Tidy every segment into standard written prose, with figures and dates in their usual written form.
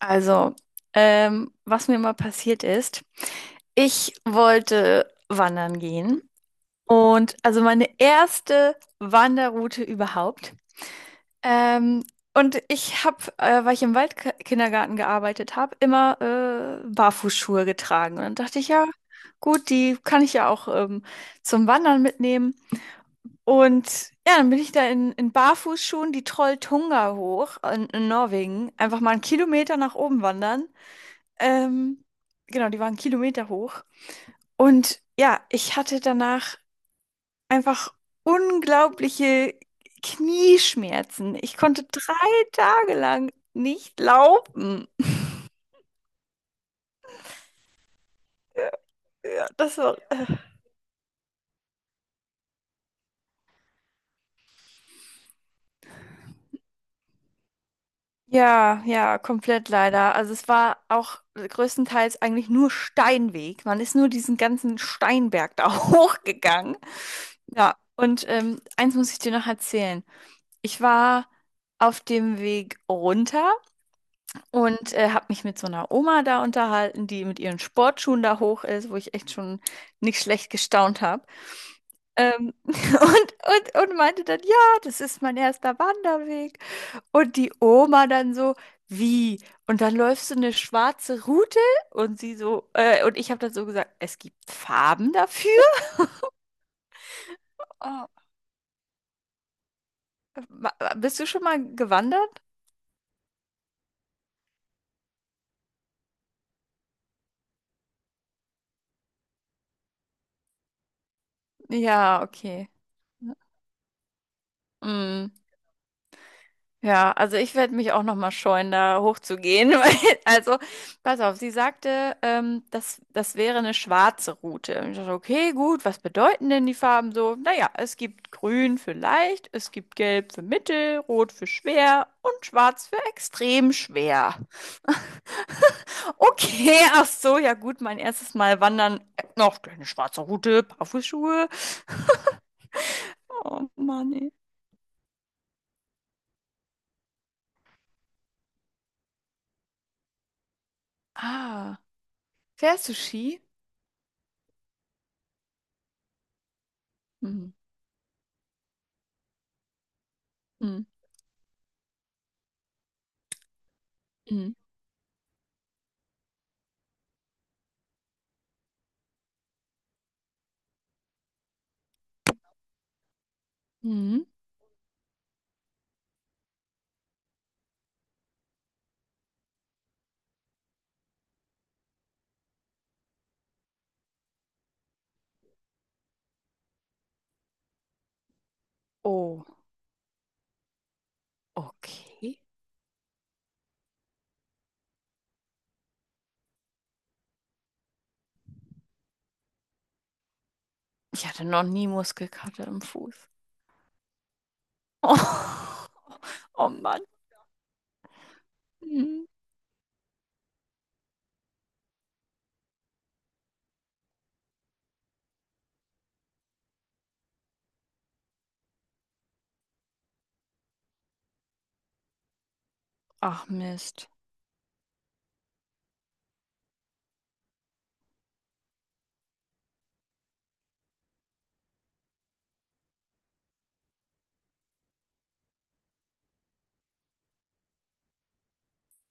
Also, was mir mal passiert ist, ich wollte wandern gehen und also meine erste Wanderroute überhaupt. Ähm, und ich habe, weil ich im Waldkindergarten gearbeitet habe, immer Barfußschuhe getragen. Und dann dachte ich, ja, gut, die kann ich ja auch zum Wandern mitnehmen. Und ja, dann bin ich da in Barfußschuhen die Trolltunga hoch in Norwegen, einfach mal einen Kilometer nach oben wandern. Ähm, genau, die waren Kilometer hoch. Und ja, ich hatte danach einfach unglaubliche Knieschmerzen. Ich konnte drei Tage lang nicht laufen. Ja, das war, ja, ja, komplett leider. Also es war auch größtenteils eigentlich nur Steinweg. Man ist nur diesen ganzen Steinberg da hochgegangen. Ja, und eins muss ich dir noch erzählen. Ich war auf dem Weg runter. Und habe mich mit so einer Oma da unterhalten, die mit ihren Sportschuhen da hoch ist, wo ich echt schon nicht schlecht gestaunt habe. Ähm, und, und meinte dann, ja, das ist mein erster Wanderweg. Und die Oma dann so, wie? Und dann läufst du eine schwarze Route? Und sie so, und ich habe dann so gesagt, es gibt Farben dafür? Oh, bist du schon mal gewandert? Ja, okay. Mm. Ja, also ich werde mich auch noch mal scheuen, da hochzugehen. weil- Also, pass auf, sie sagte, das wäre eine schwarze Route. Und ich dachte, okay, gut, was bedeuten denn die Farben so? Naja, es gibt grün für leicht, es gibt gelb für mittel, rot für schwer und schwarz für extrem schwer. Okay, ach so, ja gut, mein erstes Mal wandern. Noch eine schwarze Route, Barfußschuhe. Oh Mann, ey. Ah, fährst du Ski? Hm, hm, hm, hm. Oh. Okay. Ich hatte noch nie Muskelkater im Fuß. Oh, oh Mann. Hm. Ach Mist.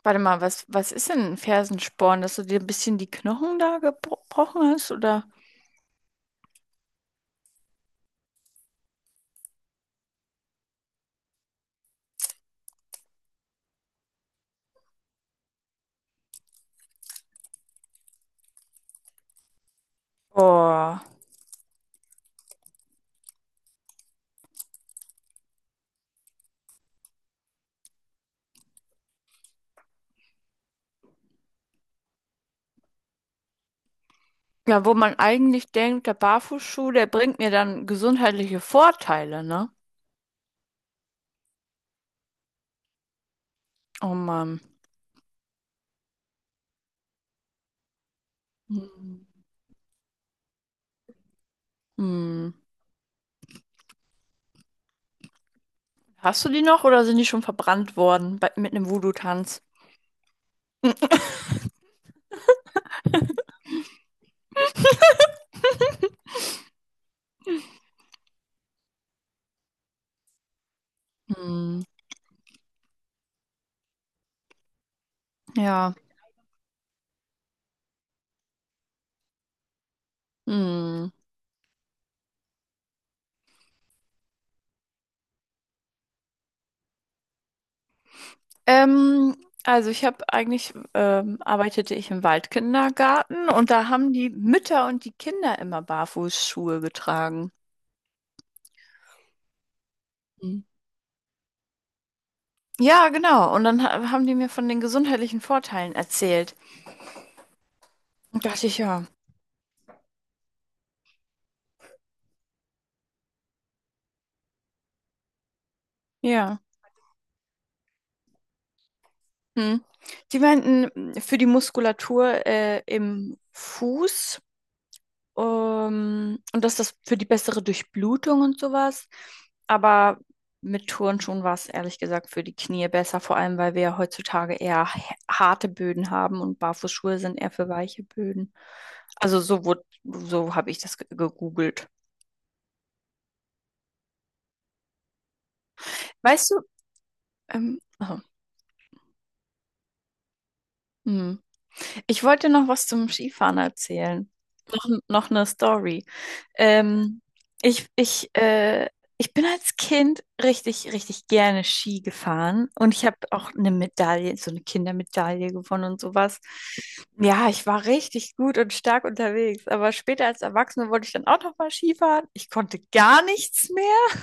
Warte mal, was ist denn ein Fersensporn? Dass du dir ein bisschen die Knochen da gebrochen hast, oder? Oh. Ja, wo man eigentlich denkt, der Barfußschuh, der bringt mir dann gesundheitliche Vorteile, ne? Oh Mann. Hm. Hm. Hast du die noch oder sind die schon verbrannt worden bei, mit einem Voodoo-Tanz? Hm. Ja. Hm. Ähm, also ich habe eigentlich, arbeitete ich im Waldkindergarten und da haben die Mütter und die Kinder immer Barfußschuhe getragen. Mhm. Ja, genau. Und dann haben die mir von den gesundheitlichen Vorteilen erzählt. Und dachte ich, ja, ja. Hm. Die meinten, für die Muskulatur im Fuß. Und dass das für die bessere Durchblutung und sowas. Aber mit Turnschuhen war es ehrlich gesagt für die Knie besser, vor allem weil wir ja heutzutage eher harte Böden haben und Barfußschuhe sind eher für weiche Böden. Also so wurde, so habe ich das gegoogelt. Weißt du, oh, hm. Ich wollte noch was zum Skifahren erzählen. Noch eine Story. Ähm, ich, ich, äh, ich bin als Kind richtig gerne Ski gefahren und ich habe auch eine Medaille, so eine Kindermedaille gewonnen und sowas. Ja, ich war richtig gut und stark unterwegs, aber später als Erwachsene wollte ich dann auch noch mal Ski fahren. Ich konnte gar nichts mehr.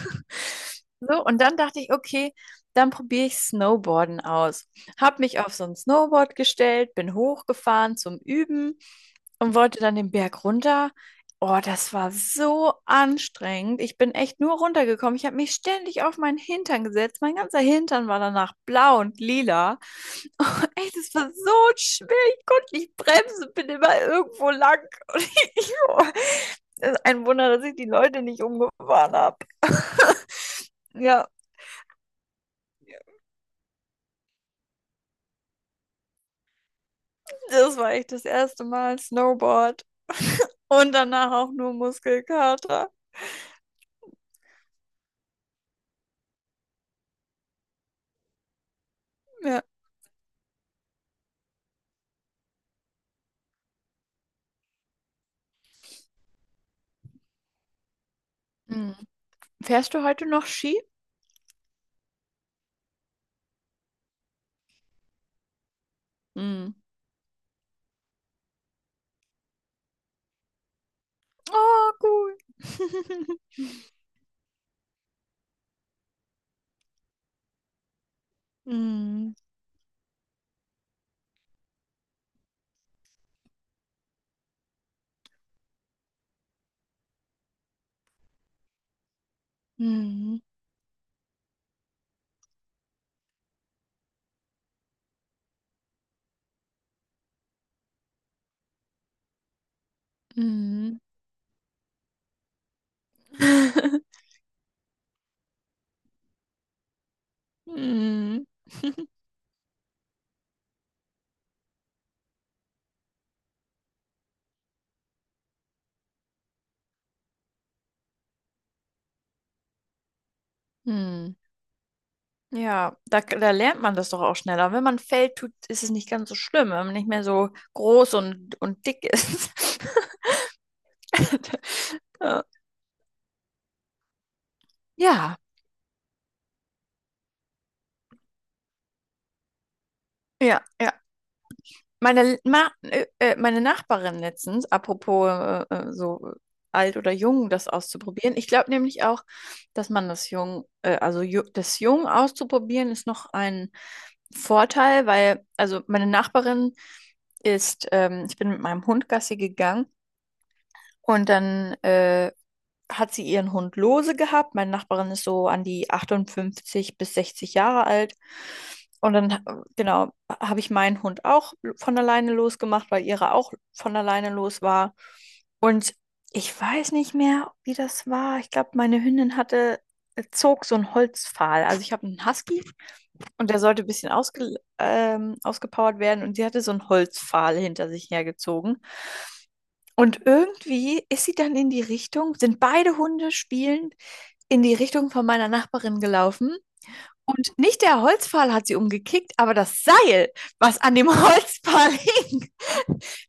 So, und dann dachte ich, okay, dann probiere ich Snowboarden aus. Hab mich auf so ein Snowboard gestellt, bin hochgefahren zum Üben und wollte dann den Berg runter. Oh, das war so anstrengend. Ich bin echt nur runtergekommen. Ich habe mich ständig auf meinen Hintern gesetzt. Mein ganzer Hintern war danach blau und lila. Oh, echt, das war so schwer. Ich konnte nicht bremsen, bin immer irgendwo lang. Und oh, das ist ein Wunder, dass ich die Leute nicht umgefahren habe. Ja, das war echt das erste Mal Snowboard und danach auch nur Muskelkater. Ja. Hm. Fährst du heute noch Ski? Hm. Oh, cool. Mhm. Mhm. Mhm. Mhm. Mhm. Ja, da lernt man das doch auch schneller. Wenn man fällt, tut, ist es nicht ganz so schlimm, wenn man nicht mehr so groß und dick ist. Ja, ja, ja. Meine Nachbarin letztens, apropos so alt oder jung, das auszuprobieren. Ich glaube nämlich auch, dass man das jung, also ju das jung auszuprobieren ist noch ein Vorteil, weil, also meine Nachbarin ist, ich bin mit meinem Hund Gassi gegangen und dann hat sie ihren Hund lose gehabt. Meine Nachbarin ist so an die 58 bis 60 Jahre alt. Und dann, genau, habe ich meinen Hund auch von alleine losgemacht, weil ihre auch von alleine los war. Und ich weiß nicht mehr, wie das war. Ich glaube, meine Hündin hatte, zog so einen Holzpfahl. Also ich habe einen Husky und der sollte ein bisschen ausgepowert werden und sie hatte so einen Holzpfahl hinter sich hergezogen. Und irgendwie ist sie dann in die Richtung, sind beide Hunde spielend in die Richtung von meiner Nachbarin gelaufen. Und nicht der Holzpfahl hat sie umgekickt, aber das Seil, was an dem Holzpfahl hing,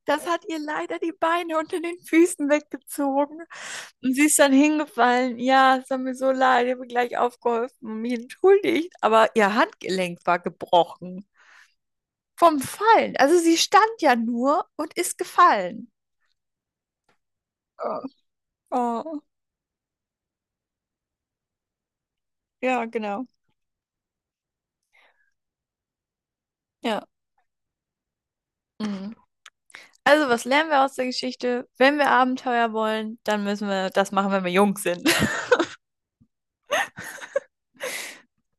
das hat ihr leider die Beine unter den Füßen weggezogen. Und sie ist dann hingefallen. Ja, es hat mir so leid, ich habe gleich aufgeholfen und mich entschuldigt. Aber ihr Handgelenk war gebrochen vom Fallen. Also sie stand ja nur und ist gefallen. Oh, oh, ja, genau. Ja. Mhm. Also, was lernen wir aus der Geschichte? Wenn wir Abenteuer wollen, dann müssen wir das machen, wenn wir jung sind, ne?